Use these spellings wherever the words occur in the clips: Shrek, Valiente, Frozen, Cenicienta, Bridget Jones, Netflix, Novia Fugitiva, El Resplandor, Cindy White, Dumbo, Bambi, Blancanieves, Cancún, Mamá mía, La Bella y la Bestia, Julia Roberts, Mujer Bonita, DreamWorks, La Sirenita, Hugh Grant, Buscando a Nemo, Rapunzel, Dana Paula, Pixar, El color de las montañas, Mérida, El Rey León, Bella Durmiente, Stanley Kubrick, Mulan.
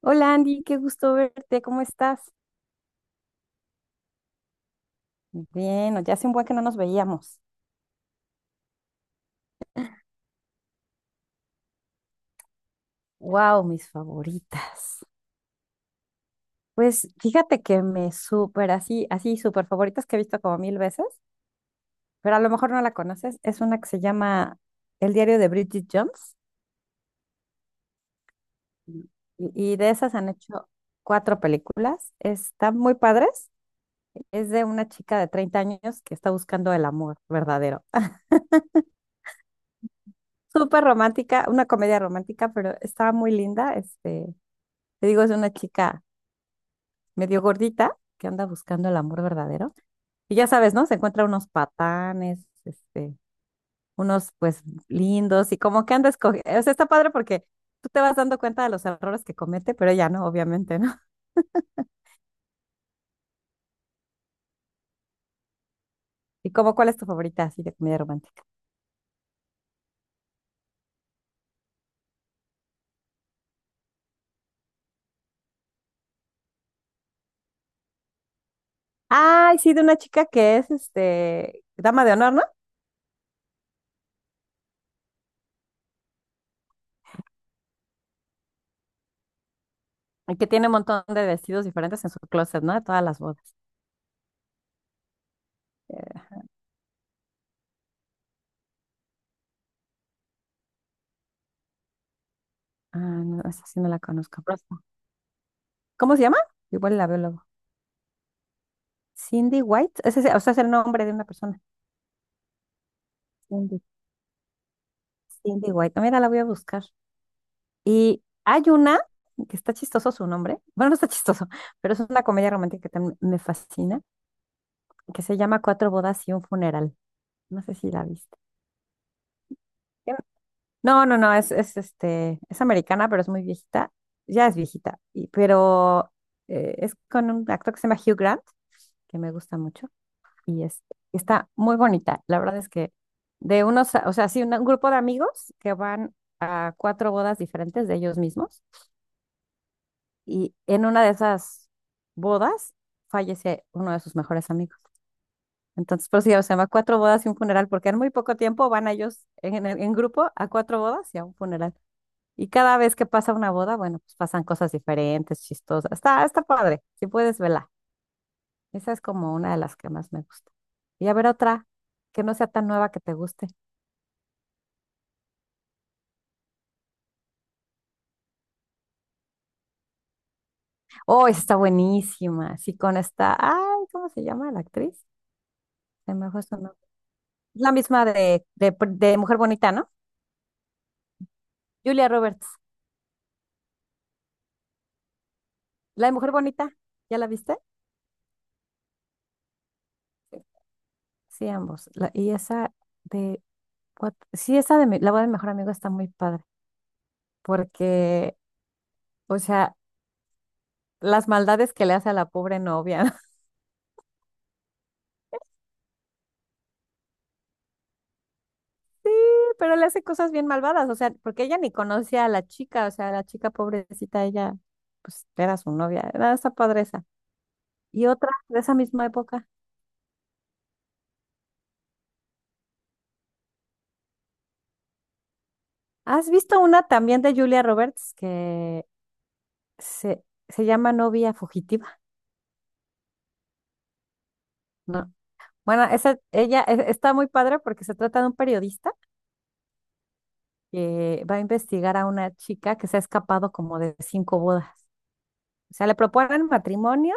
Hola Andy, qué gusto verte, ¿cómo estás? Bien, ya hace un buen que no nos veíamos. Wow, mis favoritas. Pues fíjate que me súper así, así súper favoritas que he visto como mil veces, pero a lo mejor no la conoces. Es una que se llama El diario de Bridget Jones y, y de esas han hecho 4 películas. Están muy padres. Es de una chica de 30 años que está buscando el amor verdadero. Súper romántica, una comedia romántica, pero estaba muy linda. Te digo, es una chica medio gordita que anda buscando el amor verdadero. Y ya sabes, ¿no? Se encuentra unos patanes, unos pues lindos y como que anda escogiendo. O sea, está padre porque tú te vas dando cuenta de los errores que comete, pero ella no, obviamente, ¿no? ¿Y como cuál es tu favorita así de comedia romántica? Ay, sí, de una chica que es dama de honor, ¿no? Y que tiene un montón de vestidos diferentes en su closet, ¿no? De todas las bodas. Eh, ah, no, esa sí no la conozco. ¿Cómo se llama? Igual la veo luego. Cindy White, ese, o sea, es el nombre de una persona. Cindy Cindy White. Mira, la voy a buscar. Y hay una que está chistoso su nombre. Bueno, no está chistoso, pero es una comedia romántica que también me fascina, que se llama Cuatro bodas y un funeral. No sé si la viste. Tiene- No, no, no, es es americana, pero es muy viejita. Ya es viejita, pero es con un actor que se llama Hugh Grant, que me gusta mucho, y es, está muy bonita. La verdad es que de unos, o sea, sí, un grupo de amigos que van a cuatro bodas diferentes de ellos mismos. Y en una de esas bodas fallece uno de sus mejores amigos. Entonces, por eso ya se llama cuatro bodas y un funeral, porque en muy poco tiempo van ellos en, en grupo a cuatro bodas y a un funeral. Y cada vez que pasa una boda, bueno, pues pasan cosas diferentes, chistosas. Está padre, si puedes verla. Esa es como una de las que más me gusta. Y a ver otra que no sea tan nueva que te guste. Oh, esa está buenísima. Sí, con esta, ay, ¿cómo se llama la actriz? Se me fue su nombre. Es la misma de Mujer Bonita, ¿no? Julia Roberts, la de Mujer Bonita, ¿ya la viste? Sí, ambos. Y esa de, sí, esa la boda del mejor amigo está muy padre, porque, o sea, las maldades que le hace a la pobre novia, pero le hace cosas bien malvadas, o sea, porque ella ni conoce a la chica, o sea, la chica pobrecita, ella, pues, era su novia, era esa padre esa. Y otra de esa misma época. ¿Has visto una también de Julia Roberts que se, se llama Novia Fugitiva? No, bueno, esa, ella está muy padre porque se trata de un periodista que va a investigar a una chica que se ha escapado como de 5 bodas. O sea, le proponen matrimonio,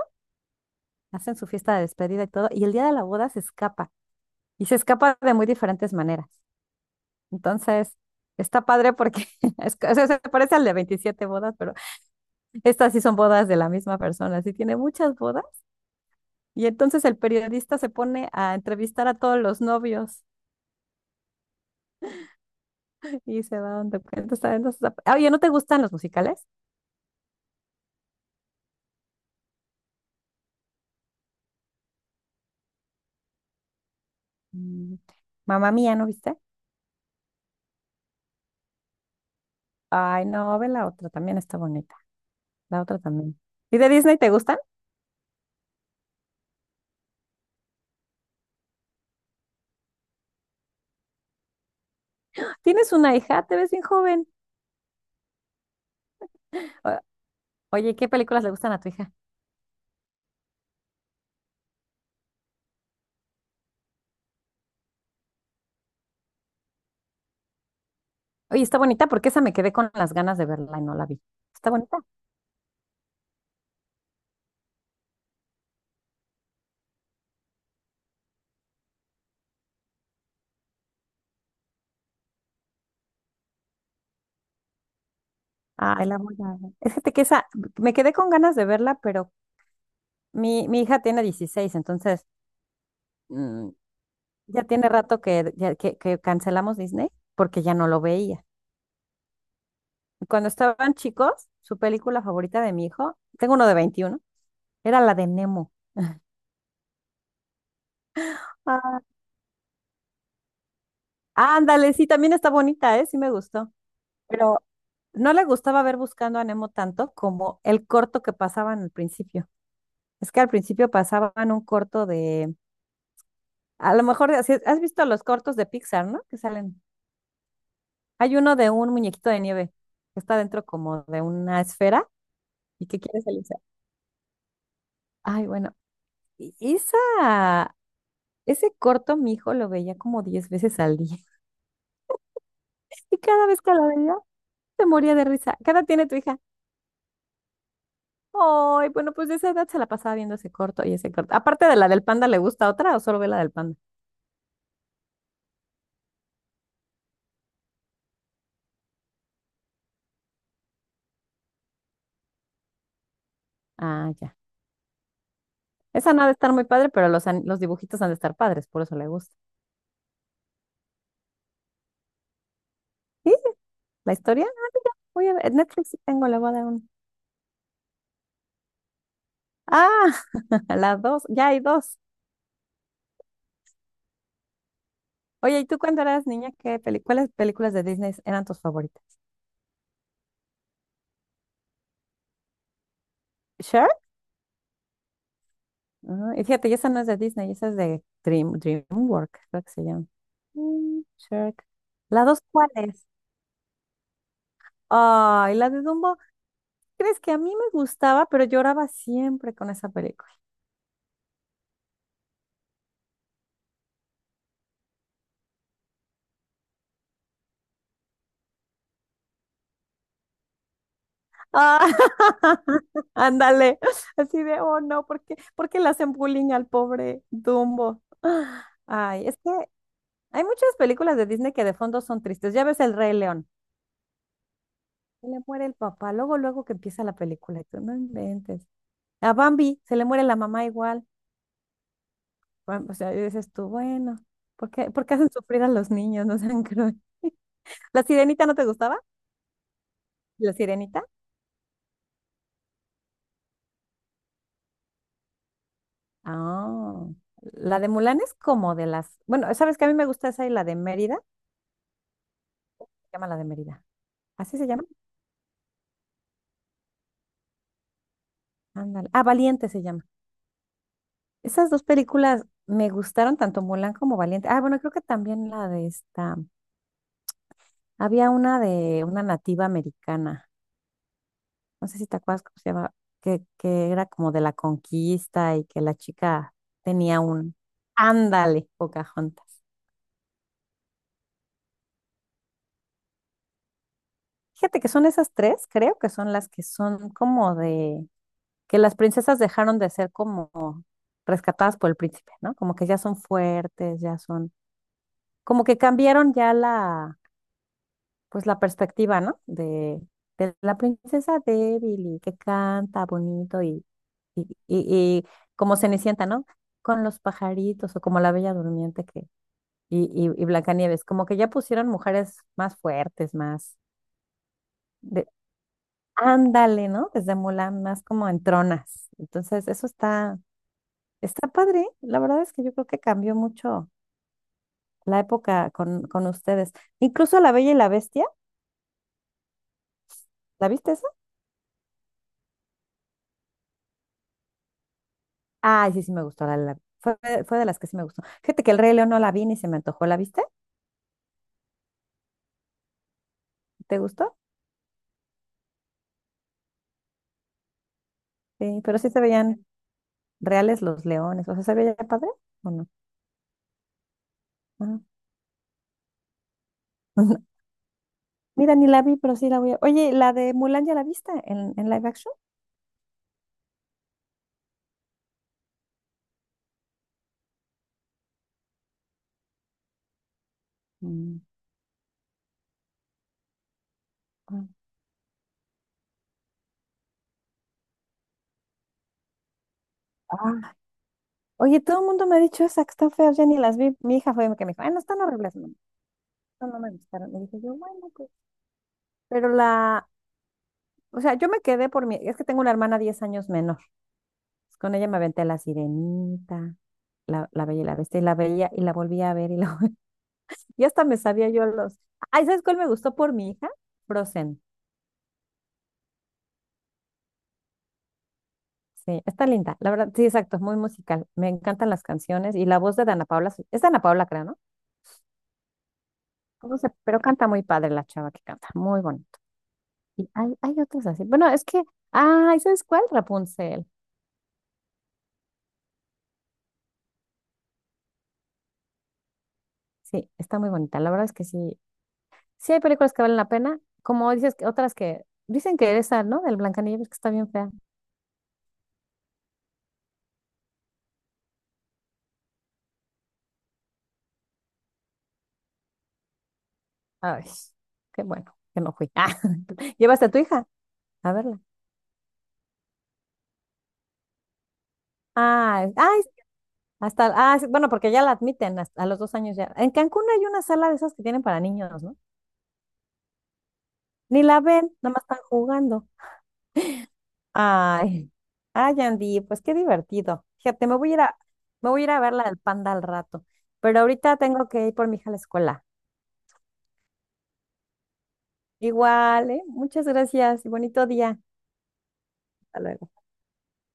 hacen su fiesta de despedida y todo, y el día de la boda se escapa. Y se escapa de muy diferentes maneras. Entonces, está padre porque es, o sea, se parece al de 27 bodas, pero estas sí son bodas de la misma persona. Sí, tiene muchas bodas. Y entonces el periodista se pone a entrevistar a todos los novios y se va dando cuenta. Entonces, oye, ¿no te gustan los musicales? Mm. Mamá mía, ¿no viste? Ay, no, ve la otra, también está bonita. La otra también. ¿Y de Disney te gustan? Tienes una hija, te ves bien joven. O- Oye, ¿qué películas le gustan a tu hija? Oye, está bonita porque esa me quedé con las ganas de verla y no la vi. ¿Está bonita? Ay, la voy a ver. Es que que esa, me quedé con ganas de verla, pero mi hija tiene 16, entonces mm, ya tiene rato que, que cancelamos Disney porque ya no lo veía. Cuando estaban chicos, su película favorita de mi hijo, tengo uno de 21. Era la de Nemo. Ah, ándale, sí, también está bonita, ¿eh? Sí me gustó, pero no le gustaba ver Buscando a Nemo tanto como el corto que pasaban al principio. Es que al principio pasaban un corto de, a lo mejor, has visto los cortos de Pixar, ¿no? Que salen. Hay uno de un muñequito de nieve que está dentro como de una esfera y que quiere salirse. Ay, bueno, y esa, ese corto mi hijo lo veía como 10 veces al día. Y cada vez que lo veía, se moría de risa. ¿Qué edad tiene tu hija? Ay, bueno, pues de esa edad se la pasaba viendo ese corto y ese corto. Aparte de la del panda, ¿le gusta otra o solo ve la del panda? Ah, ya. Esa no ha de estar muy padre, pero los dibujitos han de estar padres, por eso le gusta. ¿Sí? ¿La historia? Ah, mira, voy a ver. Netflix sí tengo, le voy a dar un. Ah, las dos, ya hay dos. Oye, ¿y tú cuando eras niña, qué cuáles películas de Disney eran tus favoritas? ¿Sure? Ah, y fíjate, y esa no es de Disney, esa es de DreamWorks, creo que se llama. Shrek. ¿La dos cuál es? Ay, la de Dumbo. ¿Crees que a mí me gustaba, pero lloraba siempre con esa película? Ah, ándale, así de, oh no, ¿por qué le hacen bullying al pobre Dumbo? Ay, es que hay muchas películas de Disney que de fondo son tristes. Ya ves El Rey León, se le muere el papá, luego, luego que empieza la película, y tú no inventes. A Bambi, se le muere la mamá igual. Bueno, o sea, y dices tú, bueno, ¿por qué hacen sufrir a los niños? No sean crueles. ¿La Sirenita no te gustaba? ¿La Sirenita? Ah, la de Mulan es como de las, bueno, sabes que a mí me gusta esa y la de Mérida, se llama la de Mérida. ¿Así se llama? Ándale. Ah, Valiente se llama. Esas dos películas me gustaron tanto Mulan como Valiente. Ah, bueno, creo que también la de esta. Había una de una nativa americana. No sé si te acuerdas cómo se llama, que era como de la conquista y que la chica tenía un ándale, Pocahontas. Fíjate que son esas tres, creo que son las que son como de que las princesas dejaron de ser como rescatadas por el príncipe, ¿no? Como que ya son fuertes, ya son, como que cambiaron ya pues la perspectiva, ¿no? De la princesa débil y que canta bonito y, y, y, y como Cenicienta, ¿no? Con los pajaritos o como la Bella Durmiente que, y Blancanieves, como que ya pusieron mujeres más fuertes, más de, ándale, ¿no? Desde Mulan, más como en tronas. Entonces, está padre, la verdad es que yo creo que cambió mucho la época con ustedes. Incluso La Bella y la Bestia, ¿la viste esa? Ay, sí, sí me gustó, fue de las que sí me gustó. Fíjate que el Rey León no la vi ni se me antojó, ¿la viste? ¿Te gustó? Sí, pero sí se veían reales los leones, o sea, ¿se veía padre o no? Ah, mira, ni la vi, pero sí la voy a... Oye, ¿la de Mulan ya la viste en live action? Mm, ah. Ah, oye, todo el mundo me ha dicho esa que están feas, ya ni las vi. Mi hija fue la que me dijo, ay, no están horribles, mamá. No, no me gustaron. Y dije yo, bueno, pues pero la, o sea, yo me quedé por mi, es que tengo una hermana 10 años menor. Con ella me aventé La Sirenita, la Bella y la Bestia, y la veía y la volvía a ver y, la, y hasta me sabía yo los... Ay, ¿sabes cuál me gustó por mi hija? Frozen. Sí, está linda. La verdad, sí, exacto, es muy musical. Me encantan las canciones y la voz de Dana Paula, es Dana Paula, creo, ¿no? No sé, pero canta muy padre la chava que canta, muy bonito. Y hay otras así. Bueno, es que, ay, ¿sabes cuál? Rapunzel. Sí, está muy bonita. La verdad es que sí, sí hay películas que valen la pena, como dices que otras que dicen que esa, ¿no? Del Blancanieves que está bien fea. Ay, qué bueno que no fui. Ah, ¿llevaste a tu hija a verla? Ah, ay, hasta, ah, sí, bueno, porque ya la admiten a los 2 años ya. En Cancún hay una sala de esas que tienen para niños, ¿no? Ni la ven, nada más están jugando. Ay, ay, Andy, pues qué divertido. Fíjate, me voy a ir a, me voy a ir a ver la del panda al rato, pero ahorita tengo que ir por mi hija a la escuela. Igual, ¿eh? Muchas gracias y bonito día. Hasta luego.